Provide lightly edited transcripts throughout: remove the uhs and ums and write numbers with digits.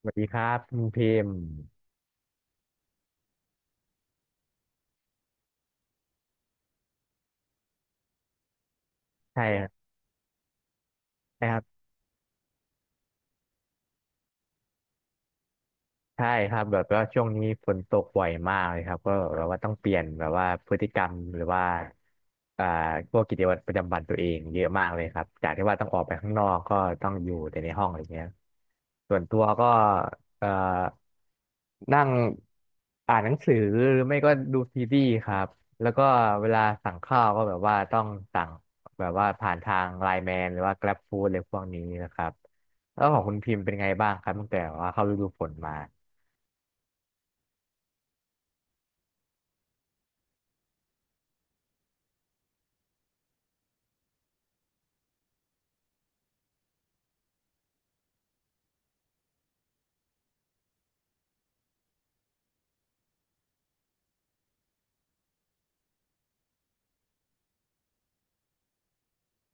สวัสดีครับคุณพิมพ์ใช่ครับใช่ครับ ใช่ครับแบบว่าช่วงนี้ฝนตกบ่อยมากเลยครับก็แบบว่าต้องเปลี่ยนแบบว่าพฤติกรรมหรือว่าอ่าพวกกิจวัตรประจำวันตัวเองเยอะมากเลยครับจากที่ว่าต้องออกไปข้างนอกก็ต้องอยู่แต่ในห้องอะไรเงี้ยส่วนตัวก็เอ่อนั่งอ่านหนังสือหรือไม่ก็ดูซีรีส์ครับแล้วก็เวลาสั่งข้าวก็แบบว่าต้องสั่งแบบว่าผ่านทางไลน์แมนหรือว่า Grab Food อะไรพวกนี้นะครับแล้วของคุณพิมพ์เป็นไงบ้างครับตั้งแต่ว่าเข้าฤดูฝนมา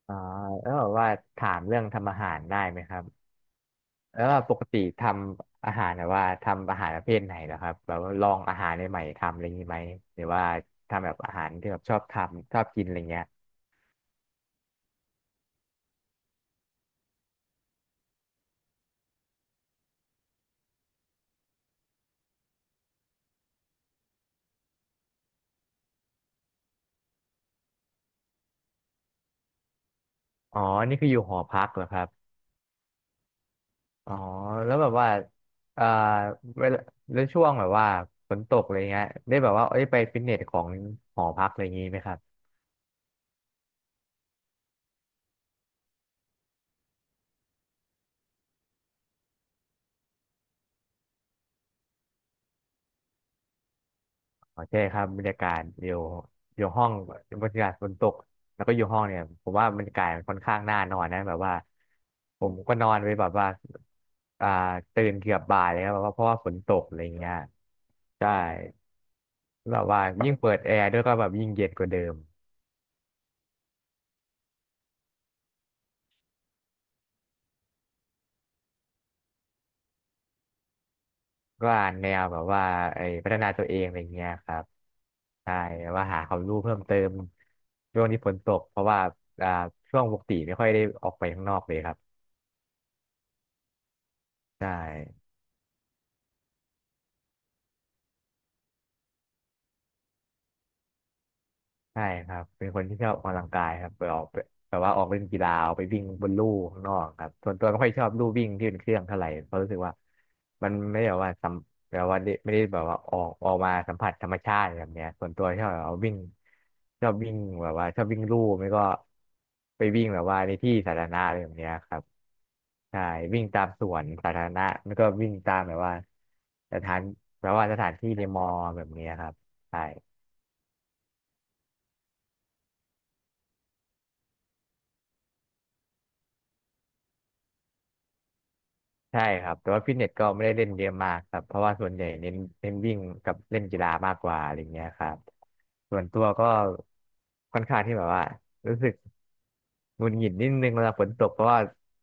อ๋อแล้วแบบว่าถามเรื่องทำอาหารได้ไหมครับแล้วว่าปกติทำอาหารแบบว่าทำอาหารประเภทไหนเหรอครับแบบว่าลองอาหารใหม่ๆทำอะไรอย่างนี้ไหมหรือว่าทำแบบอาหารที่แบบชอบทำชอบกินอะไรเงี้ยอ๋อนี่คืออยู่หอพักเหรอครับอ๋อแล้วแบบว่าเอ่อเวลาแล้วช่วงแบบว่าฝนตกอะไรเงี้ยได้แบบว่าเอ้ยไปฟิตเนสของหอพักอะไรอย่างนี้ไหมครับ อ๋อใช่ครับบรรยากาศอยู่อยู่ห้องบรรยากาศฝนตกแล้วก็อยู่ห้องเนี่ยผมว่าบรรยากาศมันค่อนข้างน่านอนนะแบบว่าผมก็นอนไปแบบว่าอ่าตื่นเกือบบ่ายเลยครับแบบว่าเพราะว่าฝนตกอะไรอย่างเงี้ยใช่แบบว่ายิ่งเปิดแอร์ด้วยก็แบบยิ่งเย็นกว่าเดิมก็อ่านแนวแบบว่าไอ้พัฒนาตัวเองอะไรเงี้ยครับใช่แบบว่าหาความรู้เพิ่มเติมช่วงที่ฝนตกเพราะว่าอ่าช่วงปกติไม่ค่อยได้ออกไปข้างนอกเลยครับใช่ ใช่ครับเป็นคนที่ชอบออกกำลังกายครับไปออกไปแบบว่าออกเล่นกีฬาออกไปวิ่งบนลู่ข้างนอกครับส่วนตัวไม่ค่อยชอบลู่วิ่งที่เป็นเครื่องเท่าไหร่เพราะรู้สึกว่ามันไม่ได้แบบว่าสัมแบบว่าได้ไม่ได้แบบว่าออกมาสัมผัสธรรมชาติแบบเนี้ยส่วนตัวชอบแบบว่าวิ่งชอบวิ่งแบบว่าชอบวิ่งลู่ไม่ก็ไปวิ่งแบบว่าในที่สาธารณะอะไรแบบเนี้ยครับใช่วิ่งตามสวนสาธารณะแล้วก็วิ่งตามแบบว่าสถานแบบว่าสถานที่ในมอแบบเนี้ยครับใช่ ใช่ครับแต่ว่าฟิตเนสก็ไม่ได้เล่นเยอะมากครับเพราะว่าส่วนใหญ่เน้นวิ่งกับเล่นกีฬามากกว่าอะไรเงี้ยครับส่วนตัวก็ค่อนข้างที่แบบว่ารู้สึกหงุดหงิดนิดนึงเวลาฝนตกเพราะว่า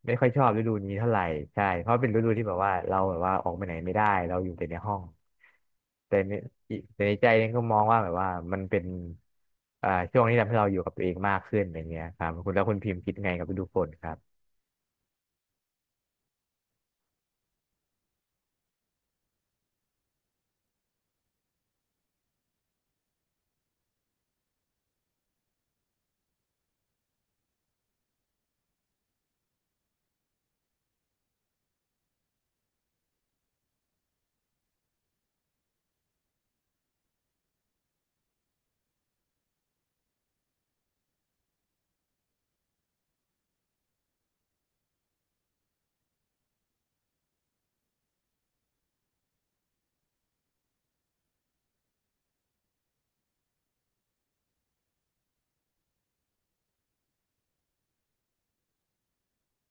ไม่ค่อยชอบฤดูนี้เท่าไหร่ใช่เพราะเป็นฤดูที่แบบว่าเราแบบว่าออกไปไหนไม่ได้เราอยู่แต่ในห้องแต่ในแต่ในใจเนี่ยก็มองว่าแบบว่ามันเป็นช่วงที่ทำให้เราอยู่กับตัวเองมากขึ้นอย่างเงี้ยครับคุณแล้วคุณพิมพ์คิดไงกับฤดูฝนครับ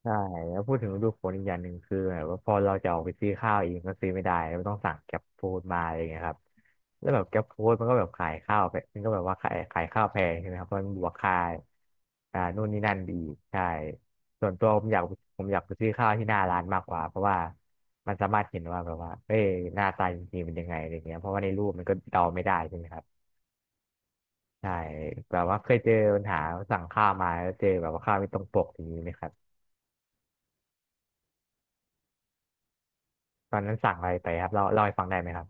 ใช่แล้วพูดถึงฤดูฝนอีกอย่างหนึ่งคือแบบว่าพอเราจะออกไปซื้อข้าวเองก็ซื้อไม่ได้ก็ต้องสั่งแก็บฟู้ดมาอะไรอย่างเงี้ยครับแล้วแบบแก็บฟู้ดมันก็แบบขายข้าวแพมันก็แบบว่าขายข้าวแพงใช่ไหมครับเพราะมันบวกค่านู่นนี่นั่นอีกใช่ส่วนตัวผมอยากไปซื้อข้าวที่หน้าร้านมากกว่าเพราะว่ามันสามารถเห็นว่าแบบว่าเอ้ยหน้าตาจริงๆเป็นยังไงอะไรเงี้ยเพราะว่าในรูปมันก็เดาไม่ได้ใช่ไหมครับใช่แบบว่าเคยเจอปัญหาสั่งข้าวมาแล้วเจอแบบว่าข้าวไม่ตรงปกอย่างนี้ไหมครับ ตอนนั้นสั่งอะไรไปครับเร่าเล่าให้ฟังได้ไหมครับ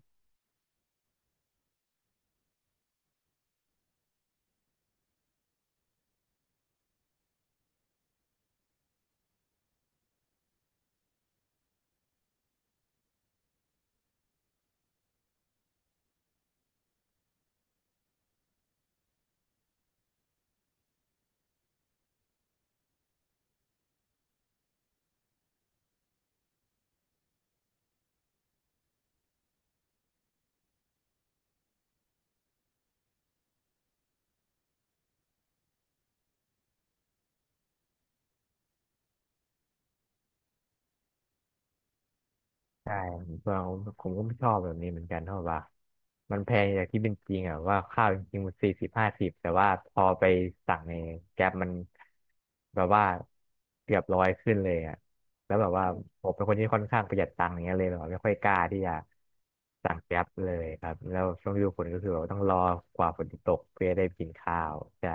ใช่ผผมก็ไม่ชอบแบบนี้เหมือนกันเพราะว่ามันแพงอย่างที่เป็นจริงอ่ะว่าข้าวจริงๆมัน40-50แต่ว่าพอไปสั่งในแก๊ปมันแบบว่าเกือบ100ขึ้นเลยอ่ะแล้วแบบว่าผมเป็นคนที่ค่อนข้างประหยัดตังค์อย่างเงี้ยเลยแบบว่าไม่ค่อยกล้าที่จะสั่งแก๊ปเลยครับแล้วช่วงฤดูฝนก็คือแบบว่าต้องรอกว่าฝนจะตกเพื่อได้กินข้าวใช่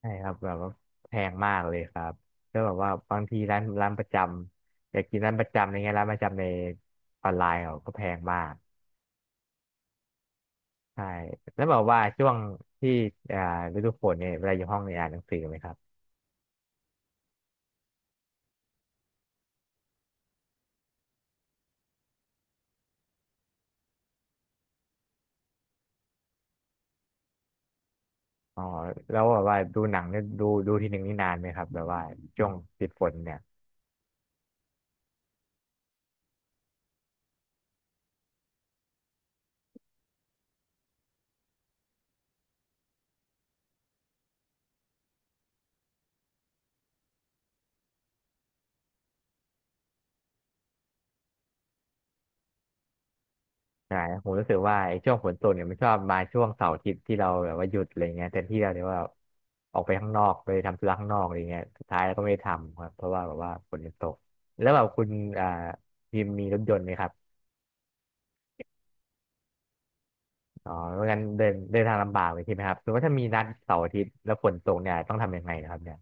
ใช่ครับแบบว่าแพงมากเลยครับแล้วแบบว่าบางทีร้านประจำอยากกินร้านประจำอะไรเงี้ยร้านประจำในออนไลน์เขาก็แพงมากใช่แล้วแบบว่าช่วงที่อ่าฤดูฝนเนี่ยเวลาอยู่ห้องเนี่ยอ่านหนังสือไหมครับอ๋อแล้วแบบว่าดูหนังเนี่ยดูทีหนึ่งนี่นานไหมครับแบบว่าช่วงติดฝนเนี่ย ใช่ผมรู้สึกว่าไอ้ช่วงฝนตกเนี่ยมันชอบมาช่วงเสาร์อาทิตย์ที่เราแบบว่าหยุดอะไรเงี้ยแต่ที่เราเนี่ยว่าออกไปข้างนอกไปทำธุระข้างนอกอะไรเงี้ยสุดท้ายเราก็ไม่ได้ทำครับเพราะว่าแบบว่าฝนมันตกแล้วแบบคุณอ่าพิมพ์มีรถยนต์ไหมครับอ๋อไม่งั้นเดินเดินทางลำบากเลยใช่ไหมครับสมมติว่าถ้ามีนัดเสาร์อาทิตย์แล้วฝนตกเนี่ยต้องทำยังไงนะครับเนี่ย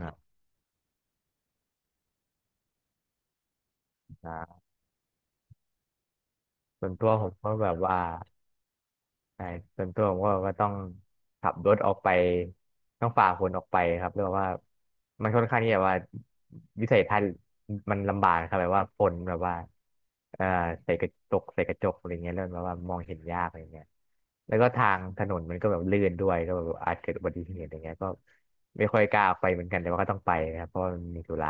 อ่าอ่าส่วนตัวผมก็แบบว่า ใช่ส่วนตัวผมก็ต้องขับรถออกไปต้องฝ่าฝนออกไปครับเรียกว่ามันค่อนข้างที่แบบว่าวิสัยทัศน์มันลำบากครับแบบว่าฝนแบบว่าเอ่อใส่กระจกใส่กระจกอะไรเงี้ยเริ่มแบบว่ามองเห็นยากอะไรเงี้ยแล้วก็ทางถนนมันก็แบบลื่นด้วยก็แบบอาจเกิดอุบัติเหตุอะไรเงี้ยก็ไม่ค่อยกล้าออกไปเหมือนกันแต่ว่าก็ต้องไปนะครับเพราะว่ามันมีธุระ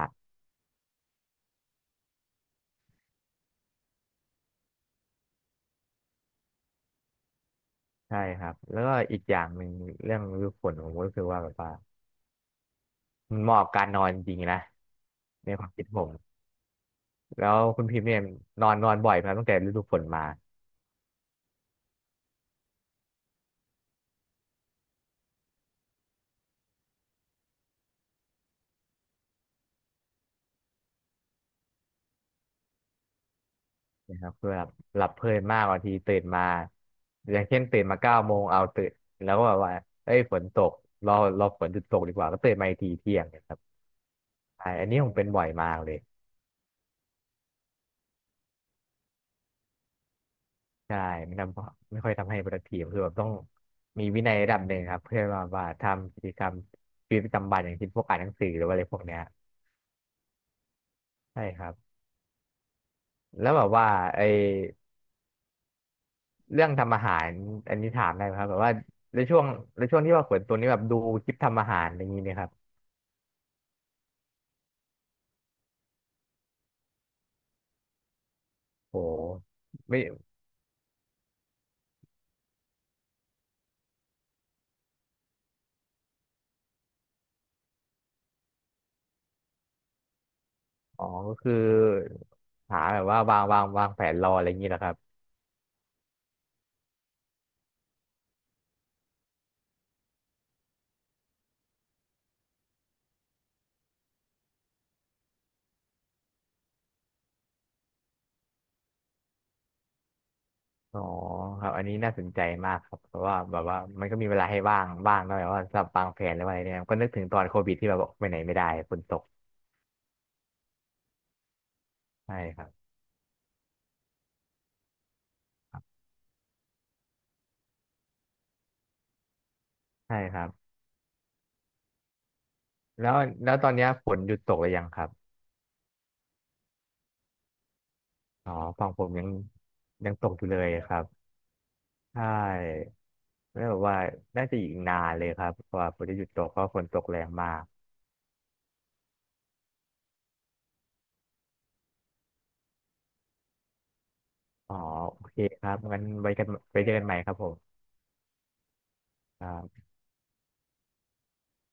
ใช่ครับแล้วก็อีกอย่างหนึ่งเรื่องฤดูฝนผมก็รู้สึกว่าแบบว่ามันเหมาะกับการนอนจริงๆนะในความคิดผม แล้วคุณพิมพ์เนี่ยนอนนอนบ่อยไหมครับตั้งแต่ฤดูฝนมานะครับคือแบบหลับเพลินมากบางทีตื่นมาอย่างเช่นตื่นมาเก้าโมงเอาตื่นแล้วก็แบบว่าเอ้ยฝนตกรอรอฝนหยุดตกดีกว่าก็ตื่นมาอีกทีเที่ยงเนะครับใช่อันนี้ผมเป็นบ่อยมากเลยใช่ไม่ทำไม่ค่อยทำให้ productive คือแบบต้องมีวินัยระดับหนึ่งครับเพื่อว่าทำกิจกรรมชีวิตประจำวันอย่างเช่นพวกอ่านหนังสือหรือว่าอะไรพวกเนี้ยใช่ครับแล้วแบบว่าไอ เรื่องทำอาหารอันนี้ถามได้ไหมครับแบบว่าในช่วงในช่วงที่ว่าขวนตัวนี้แบบดูคลิปทำอาหารอย่างนี้เนะครับโหไม่อ๋อก็คือหาแบบว่าวางแผนรออะไรอย่างนี้แหละครับอ๋อครับอันนี้น่าสนใจมากครับเพราะว่าแบบว่ามันก็มีเวลาให้ว่างบ้างนะแบบว่าสำหรับวางแผนอะไรเนี่ยก็นึกถึงตอนโควิดที่แบบออกไปไหนไม่ได้ฝนตกใช่ครับใช่ครับแล้วแล้วตอนเนี้ยฝนหยุดตกหรือยังครับอ๋อฝั่งผมยังยังตกอยู่เลยครับใช่ แล้วแบบว่าน่าจะอีกนานเลยครับกว่าฝนจะหยุดตกเพราะฝนตกแรงมากอ๋อโอเคครับงั้นไว้กันไว้เจอกันใหม่ครับผมครับ